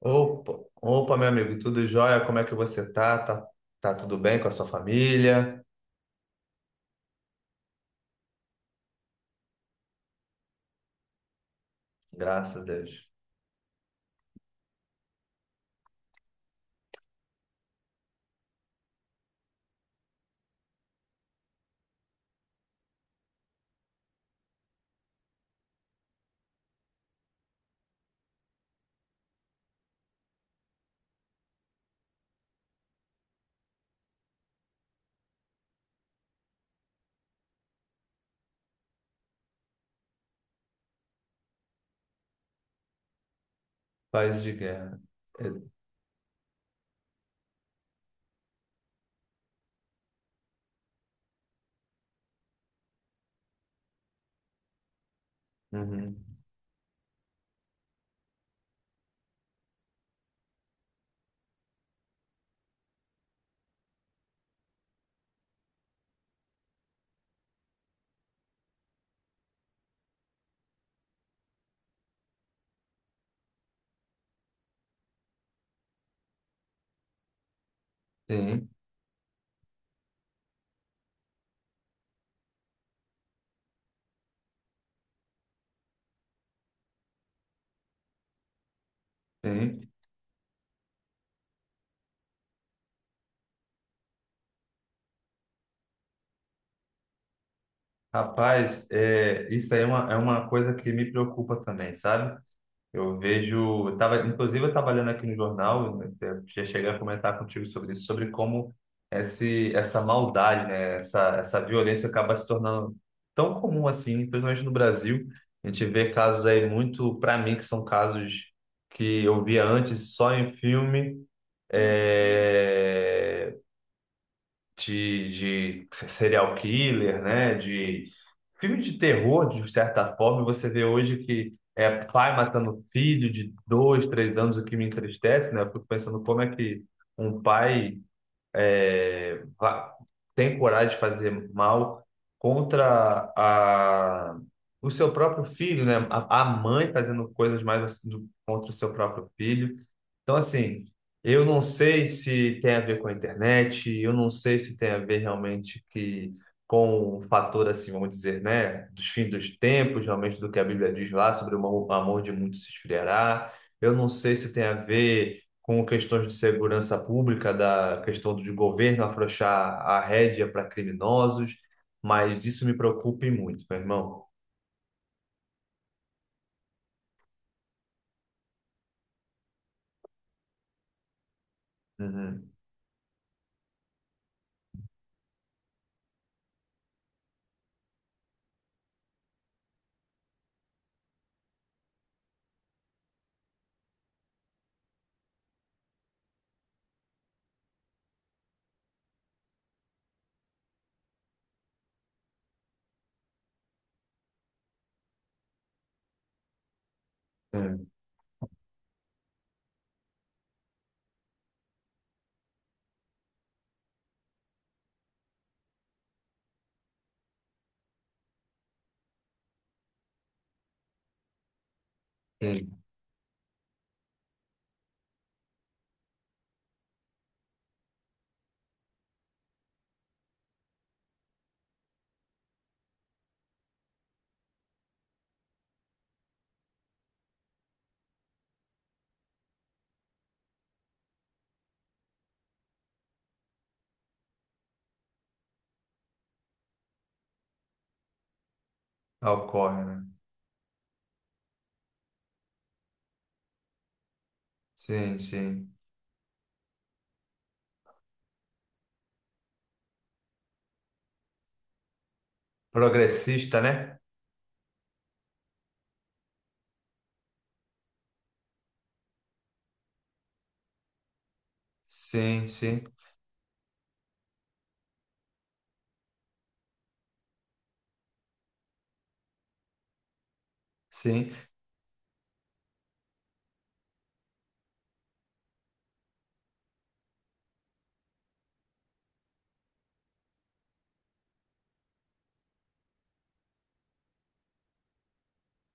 Opa, opa, meu amigo, tudo jóia? Como é que você tá? Tá tudo bem com a sua família? Graças a Deus. Paz de guerra. É, uhum. Sim, sim. Rapaz, isso aí é uma coisa que me preocupa também, sabe? Eu vejo, eu tava, inclusive eu estava olhando aqui no jornal, né, até já cheguei a comentar contigo sobre isso, sobre como essa maldade, né, essa violência acaba se tornando tão comum assim, principalmente no Brasil. A gente vê casos aí muito, para mim, que são casos que eu via antes só em filme, é, de, de serial killer, né, de filme de terror, de certa forma, você vê hoje que é pai matando filho de dois, três anos, o que me entristece, né? Eu fico pensando como é que um pai é, va- tem coragem de fazer mal contra a, o seu próprio filho, né? A mãe fazendo coisas mais assim, contra o seu próprio filho. Então, assim, eu não sei se tem a ver com a internet, eu não sei se tem a ver realmente que com o fator, assim, vamos dizer, né, dos fins dos tempos, realmente do que a Bíblia diz lá sobre o amor de muitos se esfriará. Eu não sei se tem a ver com questões de segurança pública, da questão do governo afrouxar a rédea para criminosos, mas isso me preocupa e muito, meu irmão. Uhum. Sim, sim. Ocorre, né? Sim, sim. Progressista, né? Sim, sim, sim.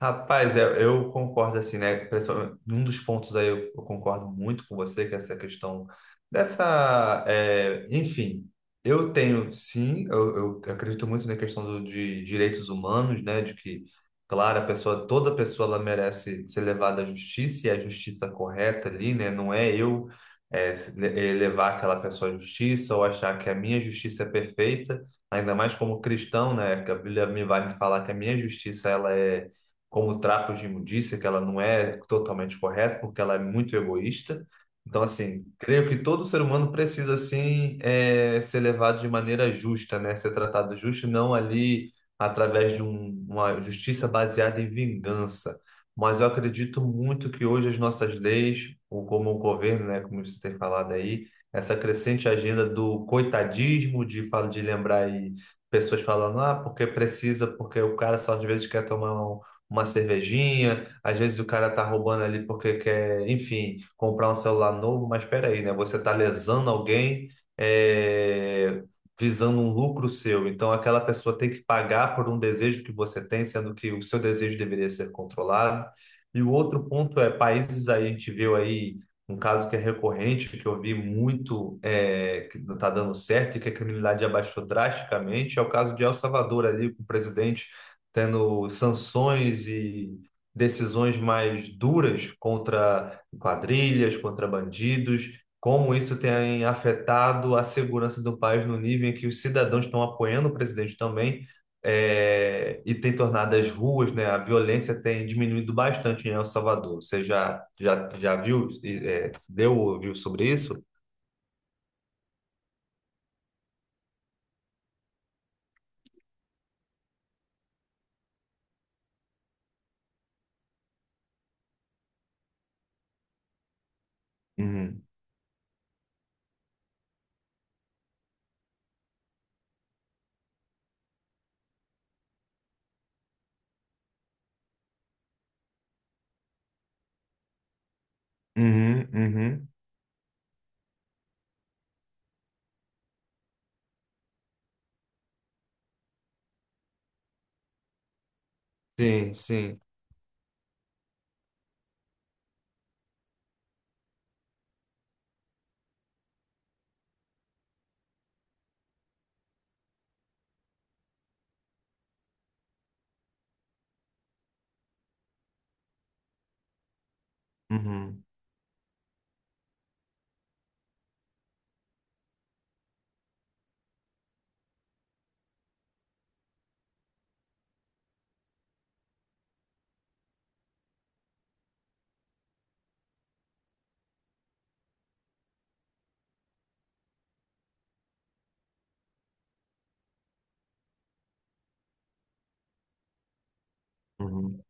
Rapaz, eu concordo assim, né? Pessoal, um dos pontos aí eu concordo muito com você, que é essa questão dessa, é, enfim, eu tenho sim, eu acredito muito na questão do, de direitos humanos, né? De que, claro, toda pessoa ela merece ser levada à justiça e a justiça correta ali, né? Não é eu levar aquela pessoa à justiça ou achar que a minha justiça é perfeita, ainda mais como cristão, né? Que a Bíblia me falar que a minha justiça ela é como trapos de imundícia, que ela não é totalmente correta, porque ela é muito egoísta. Então, assim, creio que todo ser humano precisa, assim, é ser levado de maneira justa, né? Ser tratado justo, não ali através de uma justiça baseada em vingança. Mas eu acredito muito que hoje as nossas leis, ou como o governo, né, como você tem falado aí, essa crescente agenda do coitadismo, de lembrar aí pessoas falando, ah, porque precisa, porque o cara só às vezes quer tomar uma cervejinha, às vezes o cara tá roubando ali porque quer, enfim, comprar um celular novo, mas espera aí, né? Você tá lesando alguém, é, visando um lucro seu. Então, aquela pessoa tem que pagar por um desejo que você tem, sendo que o seu desejo deveria ser controlado. E o outro ponto é países aí, a gente viu aí um caso que é recorrente, que eu vi muito, é, que não está dando certo e que a criminalidade abaixou drasticamente, é o caso de El Salvador ali, com o presidente tendo sanções e decisões mais duras contra quadrilhas, contra bandidos, como isso tem afetado a segurança do país no nível em que os cidadãos estão apoiando o presidente também, eh, e tem tornado as ruas, né, a violência tem diminuído bastante em El Salvador. Você já viu, ouviu sobre isso? Uhum, uhum, uhum, sim, sim, uhum, uhum,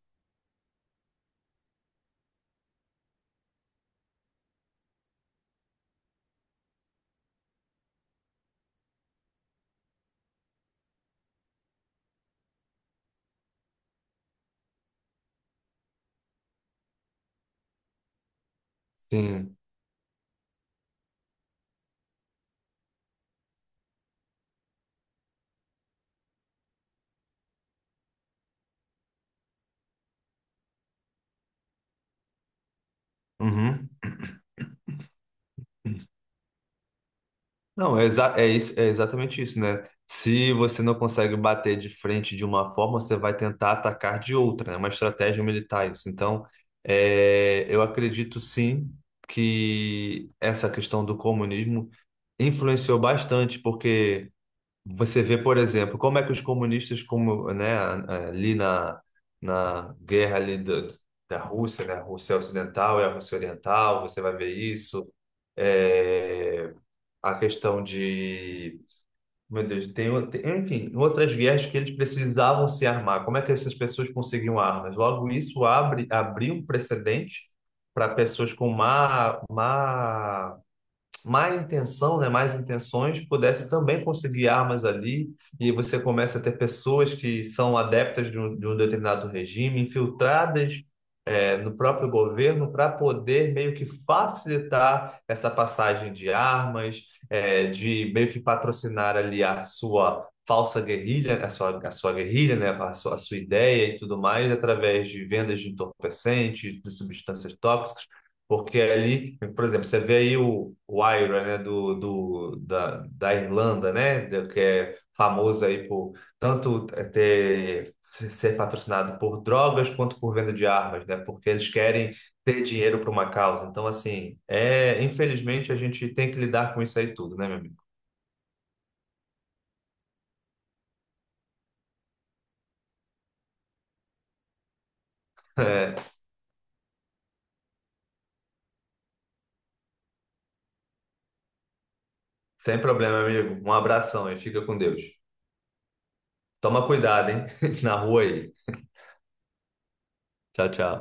sim. Uhum. Não, é isso, é exatamente isso, né? Se você não consegue bater de frente de uma forma, você vai tentar atacar de outra, né? É uma estratégia militar, isso. Então, é, eu acredito sim que essa questão do comunismo influenciou bastante, porque você vê, por exemplo, como é que os comunistas, como, né, na guerra ali da Rússia, né? A Rússia Ocidental e a Rússia Oriental, você vai ver isso. É, a questão de. Meu Deus, enfim, outras guerras que eles precisavam se armar. Como é que essas pessoas conseguiam armas? Logo, abriu um precedente para pessoas com má intenção, né? Más intenções, pudessem também conseguir armas ali. E você começa a ter pessoas que são adeptas de um determinado regime, infiltradas é, no próprio governo para poder meio que facilitar essa passagem de armas, é, de meio que patrocinar ali a sua falsa guerrilha, a sua guerrilha, né, a sua ideia e tudo mais, através de vendas de entorpecentes, de substâncias tóxicas, porque ali, por exemplo, você vê aí o IRA, né, da Irlanda, né, que é famoso aí por tanto ter ser patrocinado por drogas quanto por venda de armas, né? Porque eles querem ter dinheiro para uma causa. Então, assim, é, infelizmente a gente tem que lidar com isso aí tudo, né, meu amigo? É, sem problema, amigo. Um abração e fica com Deus. Toma cuidado, hein? Na rua aí. Tchau, tchau.